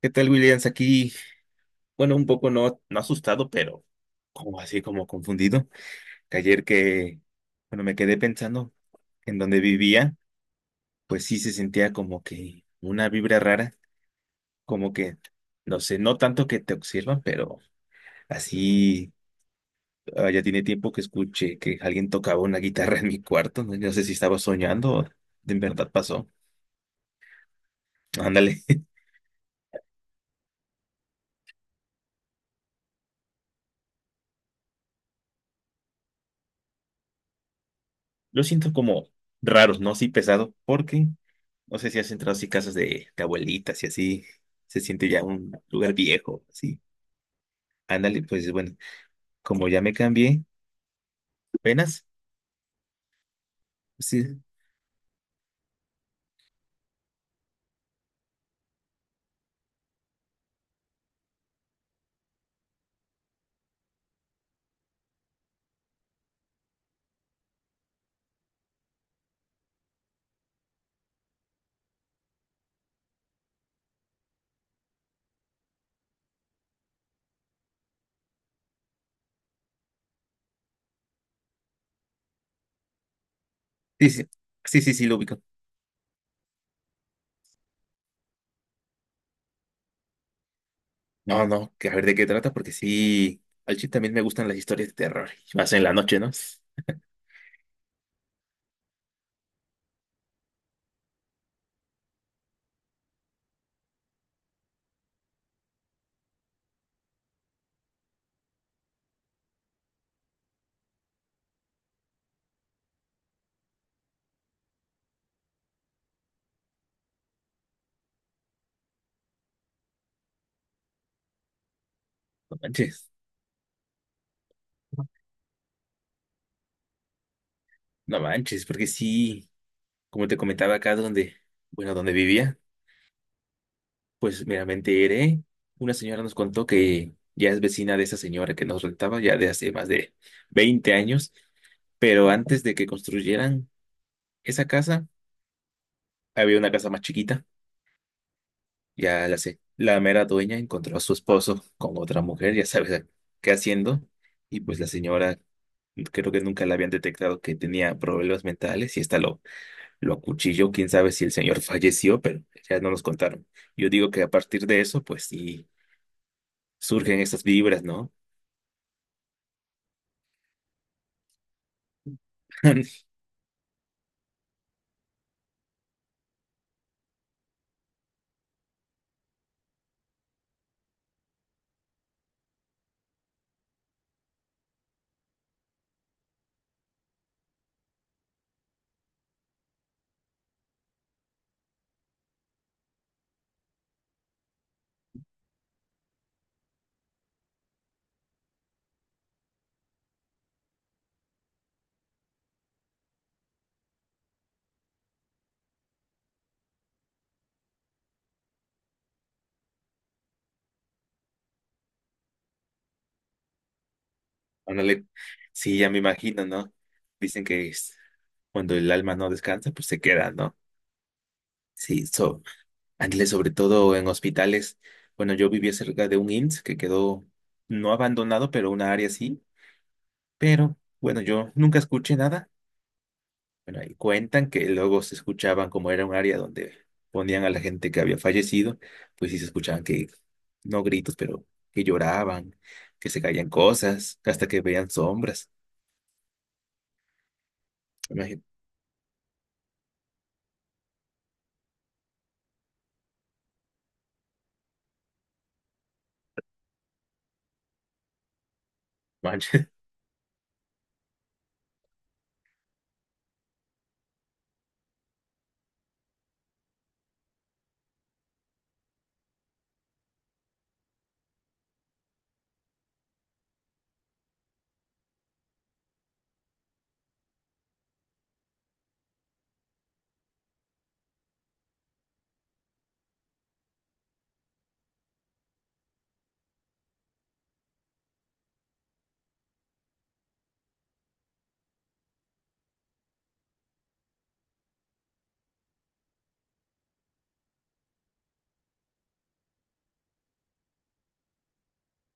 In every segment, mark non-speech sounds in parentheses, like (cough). ¿Qué tal, Williams? Aquí, bueno, un poco no asustado, pero como así, como confundido. Que ayer que, bueno, me quedé pensando en donde vivía, pues sí se sentía como que una vibra rara, como que, no sé, no tanto que te observan, pero así, ya tiene tiempo que escuché que alguien tocaba una guitarra en mi cuarto, no, no sé si estaba soñando o de verdad pasó. Ándale. (laughs) Lo siento como raros, ¿no? Sí, pesado, porque... No sé si has entrado así casas de abuelitas y así se siente ya un lugar viejo, así. Ándale, pues bueno, como ya me cambié, apenas. Sí, sí, sí, sí, sí, sí, lo ubico. No, no, que a ver de qué trata, porque sí, al chip también me gustan las historias de terror, y más en la noche, ¿no? No manches, no manches, porque sí, como te comentaba acá donde, bueno, donde vivía. Pues mira, me enteré. Una señora nos contó que ya es vecina de esa señora que nos rentaba ya de hace más de 20 años, pero antes de que construyeran esa casa, había una casa más chiquita. Ya la sé. La mera dueña encontró a su esposo con otra mujer, ya sabes qué haciendo, y pues la señora creo que nunca la habían detectado que tenía problemas mentales y esta lo acuchilló. Quién sabe si el señor falleció, pero ya no nos contaron. Yo digo que a partir de eso, pues sí surgen estas vibras, ¿no? (laughs) Ándale. Sí, ya me imagino, ¿no? Dicen que es cuando el alma no descansa, pues se queda, ¿no? Sí, so, ándale, sobre todo en hospitales. Bueno, yo vivía cerca de un IMSS que quedó no abandonado, pero una área sí. Pero bueno, yo nunca escuché nada. Bueno, ahí cuentan que luego se escuchaban como era un área donde ponían a la gente que había fallecido, pues sí se escuchaban que, no gritos, pero que lloraban, que se caían cosas, hasta que veían sombras. Imagínate.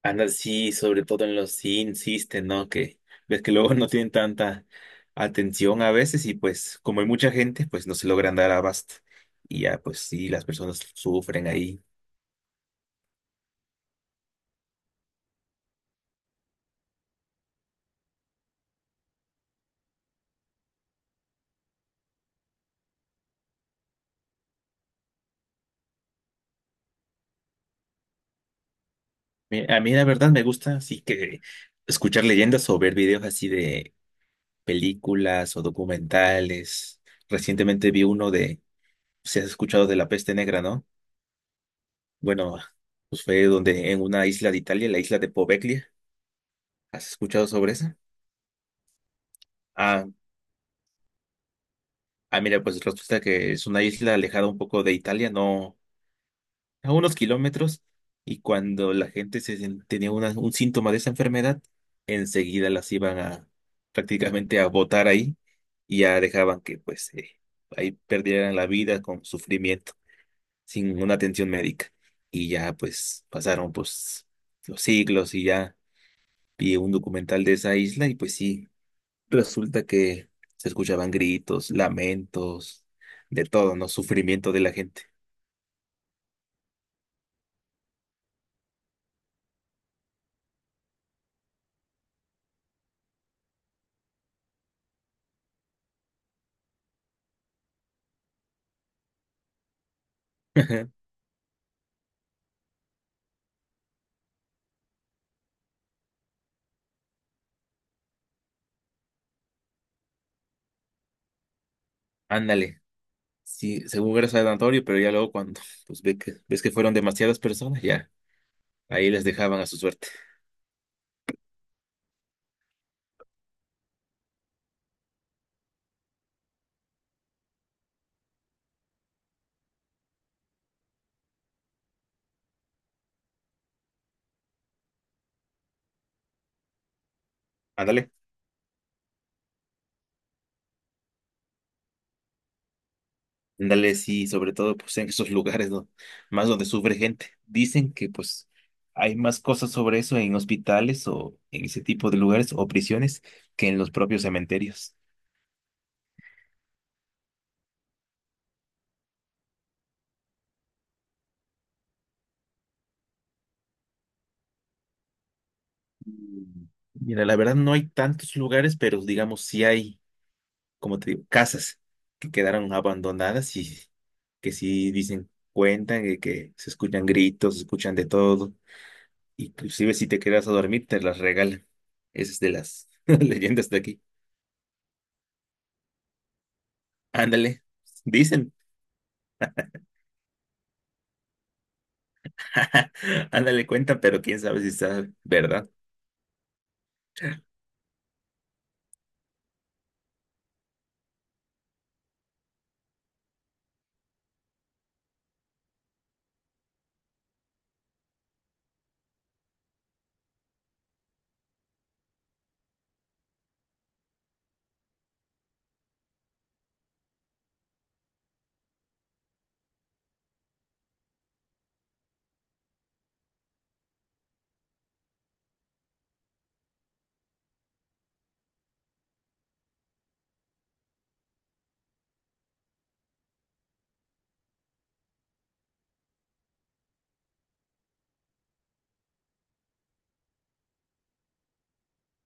Anda, sí, sobre todo en los sí insisten, ¿no? Que ves que luego (laughs) no tienen tanta atención a veces y pues como hay mucha gente, pues no se logran dar abasto y ya pues sí, las personas sufren ahí. A mí la verdad me gusta así que escuchar leyendas o ver videos así de películas o documentales. Recientemente vi uno de, si has escuchado de la peste negra, ¿no? Bueno, pues fue donde en una isla de Italia, la isla de Poveglia. ¿Has escuchado sobre esa? Ah, Ah, mira, pues resulta que es una isla alejada un poco de Italia, no, a unos kilómetros, y cuando la gente se, tenía un síntoma de esa enfermedad, enseguida las iban a prácticamente a botar ahí y ya dejaban que pues ahí perdieran la vida con sufrimiento, sin una atención médica. Y ya pues pasaron pues los siglos y ya vi un documental de esa isla y pues sí. Resulta que se escuchaban gritos, lamentos, de todo, ¿no? Sufrimiento de la gente. (laughs) Ajá. Ándale. Sí, según era sanatorio, pero ya luego cuando (laughs) pues ve que, ves que fueron demasiadas personas, ya ahí les dejaban a su suerte. Ándale. Ándale, sí, sobre todo pues en esos lugares, ¿no? Más donde sufre gente. Dicen que pues hay más cosas sobre eso en hospitales o en ese tipo de lugares o prisiones que en los propios cementerios. Mm, mira, la verdad no hay tantos lugares, pero digamos sí hay como te digo, casas que quedaron abandonadas y que sí dicen, cuentan y que se escuchan gritos, se escuchan de todo. Inclusive si te quedas a dormir, te las regalan. Esa es de las (laughs) leyendas de aquí. Ándale, dicen. (laughs) Ándale, cuentan, pero quién sabe si está verdad.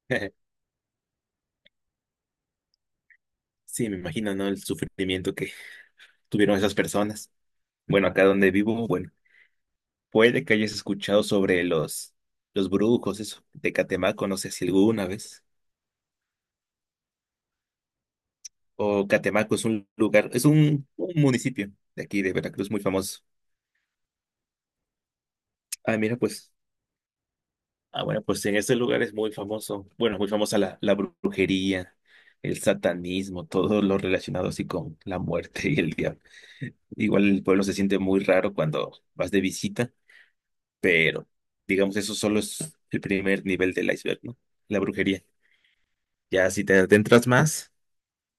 (laughs) Sí, me imagino, ¿no? El sufrimiento que tuvieron esas personas. Bueno, acá donde vivo, bueno, puede que hayas escuchado sobre los brujos, eso, de Catemaco, no sé si alguna vez. O Catemaco es un lugar, es un municipio de aquí de Veracruz muy famoso. Ah, mira, pues. Ah, bueno, pues en este lugar es muy famoso. Bueno, muy famosa la brujería, el satanismo, todo lo relacionado así con la muerte y el diablo. Igual el pueblo se siente muy raro cuando vas de visita, pero digamos eso solo es el primer nivel del iceberg, ¿no? La brujería. Ya si te adentras más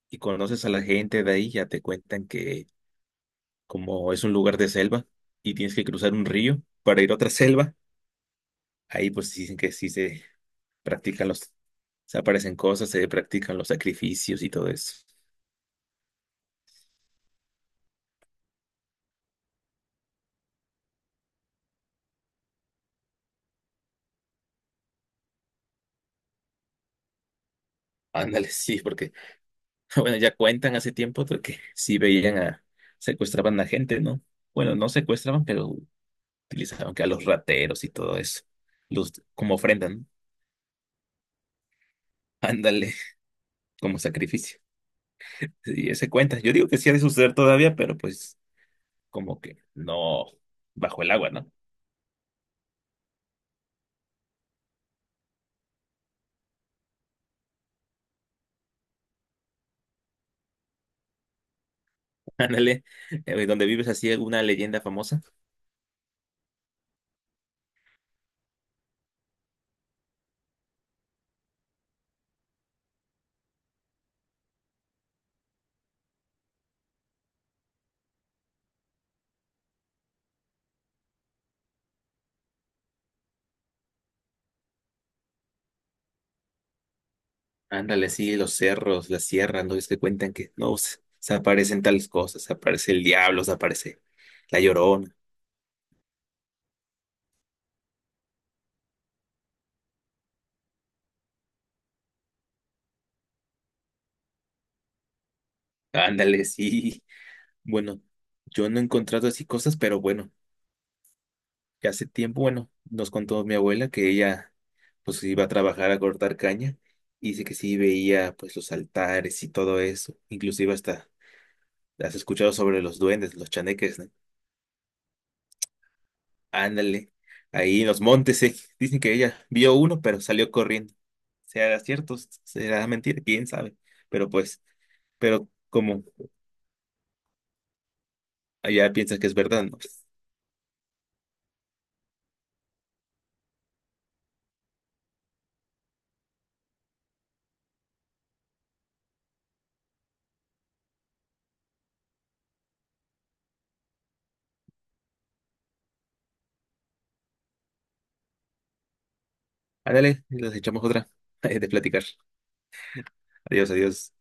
y conoces a la gente de ahí, ya te cuentan que como es un lugar de selva y tienes que cruzar un río para ir a otra selva, ahí pues dicen que sí se practican los, se aparecen cosas, se practican los sacrificios y todo eso. Ándale, sí, porque, (laughs) bueno, ya cuentan hace tiempo de que sí veían a, secuestraban a gente, ¿no? Bueno, no secuestraban, pero utilizaban que a los rateros y todo eso, los, como ofrenda, ¿no? (laughs) Ándale, como sacrificio. Y ese cuenta. Yo digo que sí ha de suceder todavía, pero pues como que no bajo el agua, ¿no? (laughs) Ándale, donde vives así alguna leyenda famosa. Ándale, sí, los cerros, las sierras, ¿no? Es que cuentan que no se, se aparecen tales cosas, se aparece el diablo, se aparece la llorona. Ándale, sí. Bueno, yo no he encontrado así cosas, pero bueno, ya hace tiempo, bueno, nos contó mi abuela que ella pues iba a trabajar a cortar caña y dice que sí veía pues los altares y todo eso, inclusive hasta has escuchado sobre los duendes, los chaneques, ¿no? Ándale, ahí en los montes, eh. Dicen que ella vio uno, pero salió corriendo. Será cierto, será mentira, quién sabe. Pero pues, pero como allá piensas que es verdad, ¿no? Ándale, les echamos otra (laughs) de platicar. Adiós, adiós.